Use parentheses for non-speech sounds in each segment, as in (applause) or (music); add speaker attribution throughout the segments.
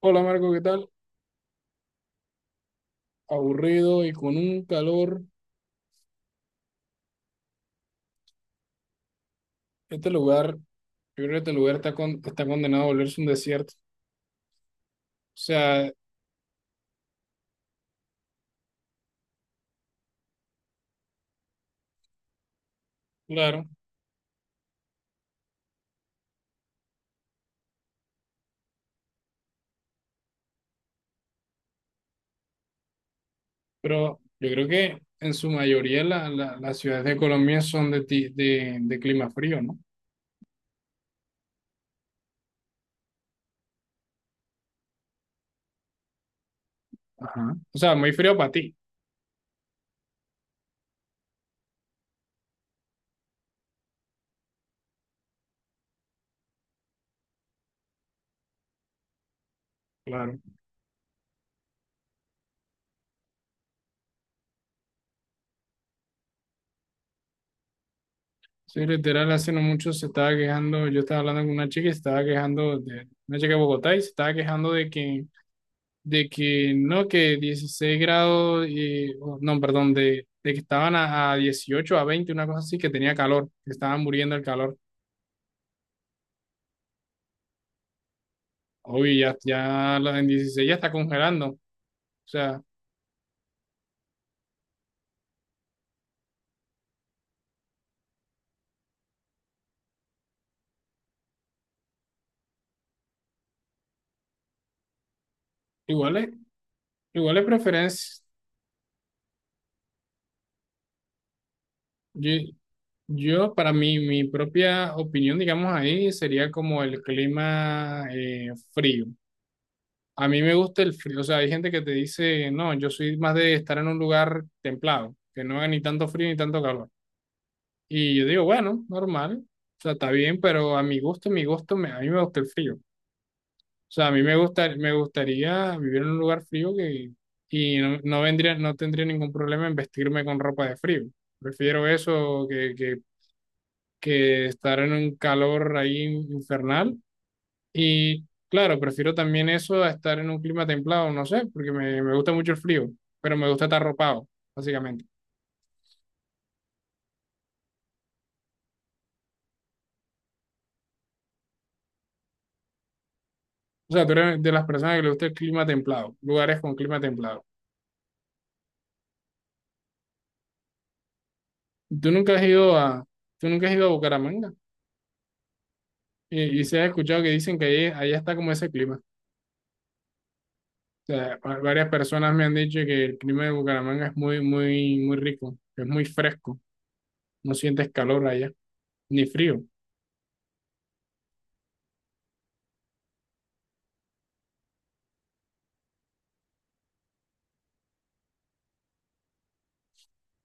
Speaker 1: Hola Marco, ¿qué tal? Aburrido y con un calor. Este lugar, yo creo que este lugar está, está condenado a volverse un desierto. O sea, claro, pero yo creo que en su mayoría las ciudades de Colombia son de clima frío, ¿no? Ajá. O sea, muy frío para ti, claro. Sí, literal, hace no mucho se estaba quejando, yo estaba hablando con una chica y se estaba quejando de una chica de Bogotá y se estaba quejando de que no, que 16 grados, oh, no, perdón, de que estaban a, 18, a 20 una cosa así, que tenía calor, que estaban muriendo el calor. Obvio, ya, ya, en 16 ya está congelando. O sea, igual es, igual es preferencia. Yo, yo, para mí, mi propia opinión, digamos ahí, sería como el clima frío. A mí me gusta el frío, o sea, hay gente que te dice, no, yo soy más de estar en un lugar templado, que no haga ni tanto frío ni tanto calor. Y yo digo, bueno, normal, o sea, está bien, pero a mi gusto, a mí me gusta el frío. O sea, a mí me gusta, me gustaría vivir en un lugar frío que, y no vendría, no tendría ningún problema en vestirme con ropa de frío. Prefiero eso que estar en un calor ahí infernal. Y claro, prefiero también eso a estar en un clima templado, no sé, porque me gusta mucho el frío, pero me gusta estar ropado, básicamente. O sea, tú eres de las personas que le gusta el clima templado, lugares con clima templado. Tú nunca has ido a, tú nunca has ido a Bucaramanga y se ha escuchado que dicen que ahí, allá está como ese clima. O sea, varias personas me han dicho que el clima de Bucaramanga es muy, muy, muy rico, que es muy fresco, no sientes calor allá, ni frío.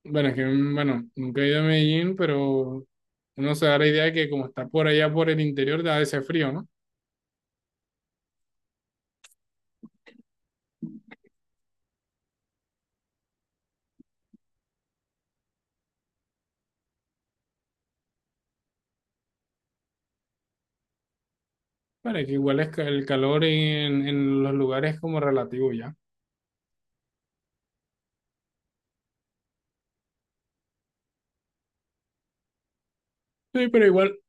Speaker 1: Bueno, es que, bueno, nunca he ido a Medellín, pero uno se da la idea de que como está por allá, por el interior, da ese frío, ¿no? Bueno, que igual es el calor en los lugares como relativo ya. Sí,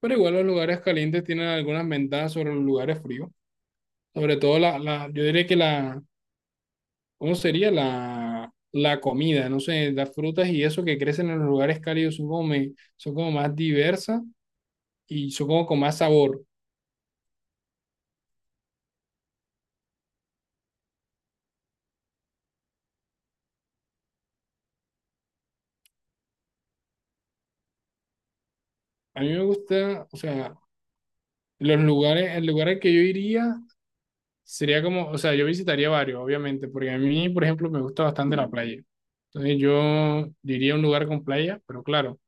Speaker 1: pero igual los lugares calientes tienen algunas ventajas sobre los lugares fríos. Sobre todo la, la, yo diría que ¿cómo sería? La comida, no sé, las frutas y eso que crecen en los lugares cálidos son como, son como más diversas y son como con más sabor. A mí me gusta, o sea, los lugares, el lugar al que yo iría sería como, o sea, yo visitaría varios, obviamente, porque a mí, por ejemplo, me gusta bastante la playa. Entonces yo diría un lugar con playa, pero claro,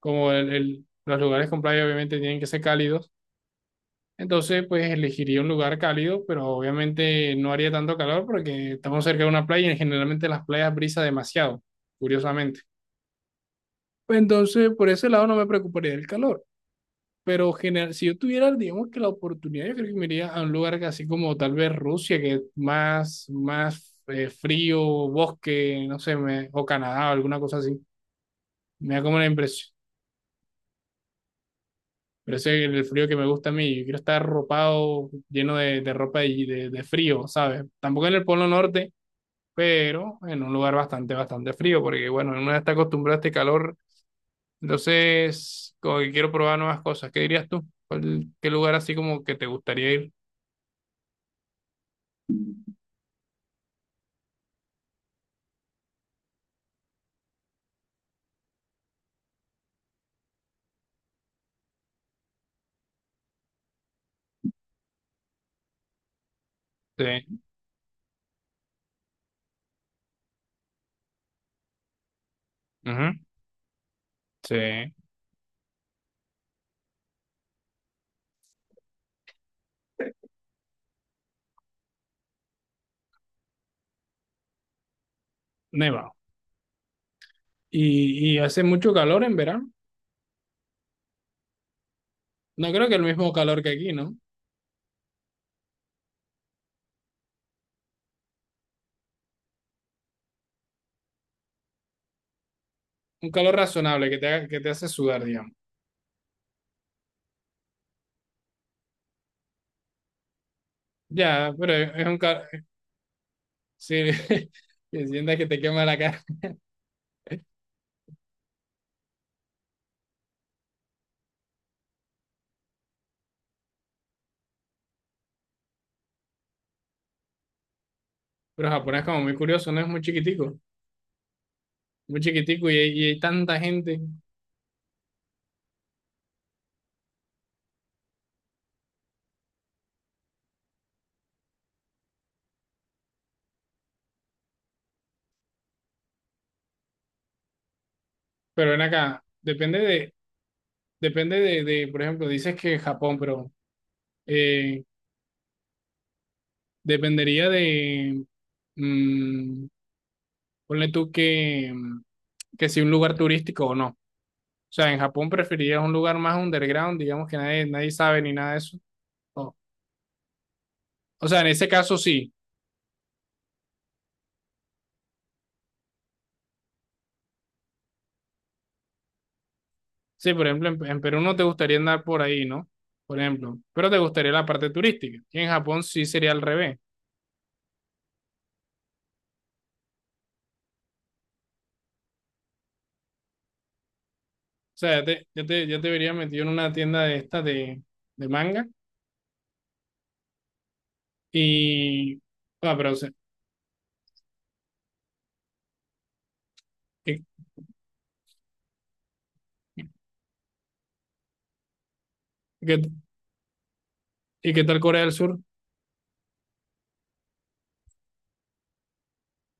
Speaker 1: como los lugares con playa obviamente tienen que ser cálidos. Entonces, pues elegiría un lugar cálido, pero obviamente no haría tanto calor porque estamos cerca de una playa y generalmente las playas brisa demasiado, curiosamente. Pues entonces, por ese lado no me preocuparía del calor. Pero general, si yo tuviera, digamos que la oportunidad, yo creo que me iría a un lugar que así como tal vez Rusia, que es más, frío, bosque, no sé, o Canadá o alguna cosa así. Me da como la impresión. Pero ese es el frío que me gusta a mí. Yo quiero estar arropado, lleno de ropa de frío, ¿sabes? Tampoco en el Polo Norte, pero en un lugar bastante, bastante frío, porque bueno, uno ya está acostumbrado a este calor. Entonces, como que quiero probar nuevas cosas. ¿Qué dirías tú? ¿Qué lugar así como que te gustaría ir? Sí, ujú, sí, nevado. Y hace mucho calor en verano. No creo que el mismo calor que aquí, ¿no? Un calor razonable que te hace sudar, digamos. Ya, pero es un. Sí, (laughs) que sientas que te quema la cara. Pero Japón es como muy curioso, ¿no? Es muy chiquitico y hay tanta gente. Pero ven acá, depende de, por ejemplo, dices que Japón, pero eh, dependería de, mm, ponle tú que si un lugar turístico o no. O sea, en Japón preferirías un lugar más underground, digamos que nadie sabe ni nada de eso. O, o sea, en ese caso sí. Sí, por ejemplo, en Perú no te gustaría andar por ahí, ¿no? Por ejemplo, pero te gustaría la parte turística. Y en Japón sí sería al revés. O sea, ya te vería metido en una tienda de estas de manga y... Ah, pero, o sea, ¿y, y qué, y qué tal Corea del Sur?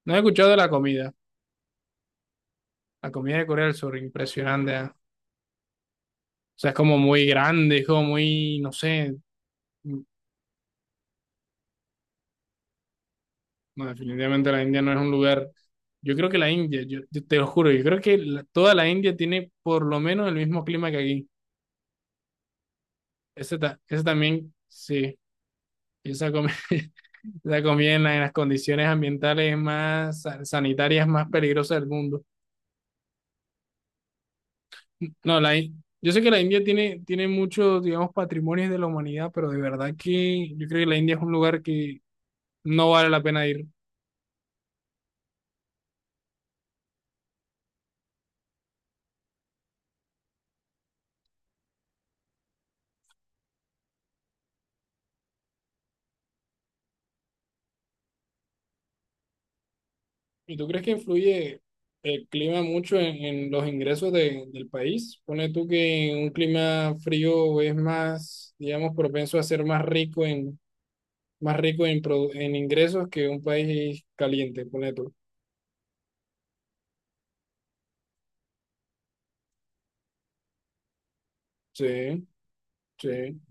Speaker 1: No he escuchado de la comida. La comida de Corea del Sur, impresionante. Ah. O sea, es como muy grande, es como muy, no sé. No, definitivamente la India no es un lugar... Yo creo que la India, yo te lo juro, yo creo que toda la India tiene por lo menos el mismo clima que aquí. Ese también, sí. Y esa comida, (laughs) esa comida en las condiciones ambientales más sanitarias más peligrosas del mundo. No, yo sé que la India tiene muchos, digamos, patrimonios de la humanidad, pero de verdad que yo creo que la India es un lugar que no vale la pena ir. ¿Y tú crees que influye el clima mucho en los ingresos del país? Pone tú que un clima frío es más, digamos, propenso a ser más rico en ingresos que un país caliente, ponle tú. Sí, sí.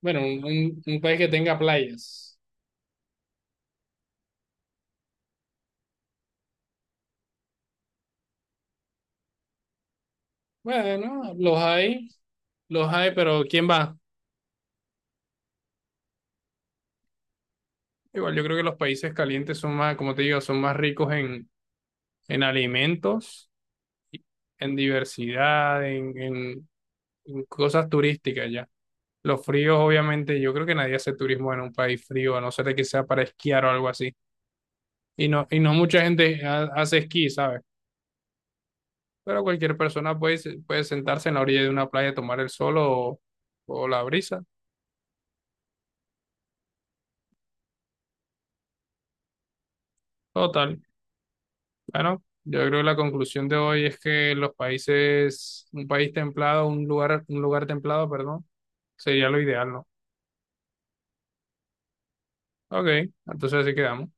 Speaker 1: Bueno, un país que tenga playas. Bueno, los hay, pero ¿quién va? Igual yo creo que los países calientes son más, como te digo, son más ricos en alimentos, y- en diversidad, en cosas turísticas ya. Los fríos, obviamente, yo creo que nadie hace turismo en un país frío, a no ser de que sea para esquiar o algo así. Y no mucha gente hace esquí, ¿sabes? Pero cualquier persona puede sentarse en la orilla de una playa a tomar el sol o la brisa. Total. Bueno, yo creo que la conclusión de hoy es que los países, un país templado, un lugar templado, perdón, sería lo ideal, ¿no? Ok, entonces así quedamos.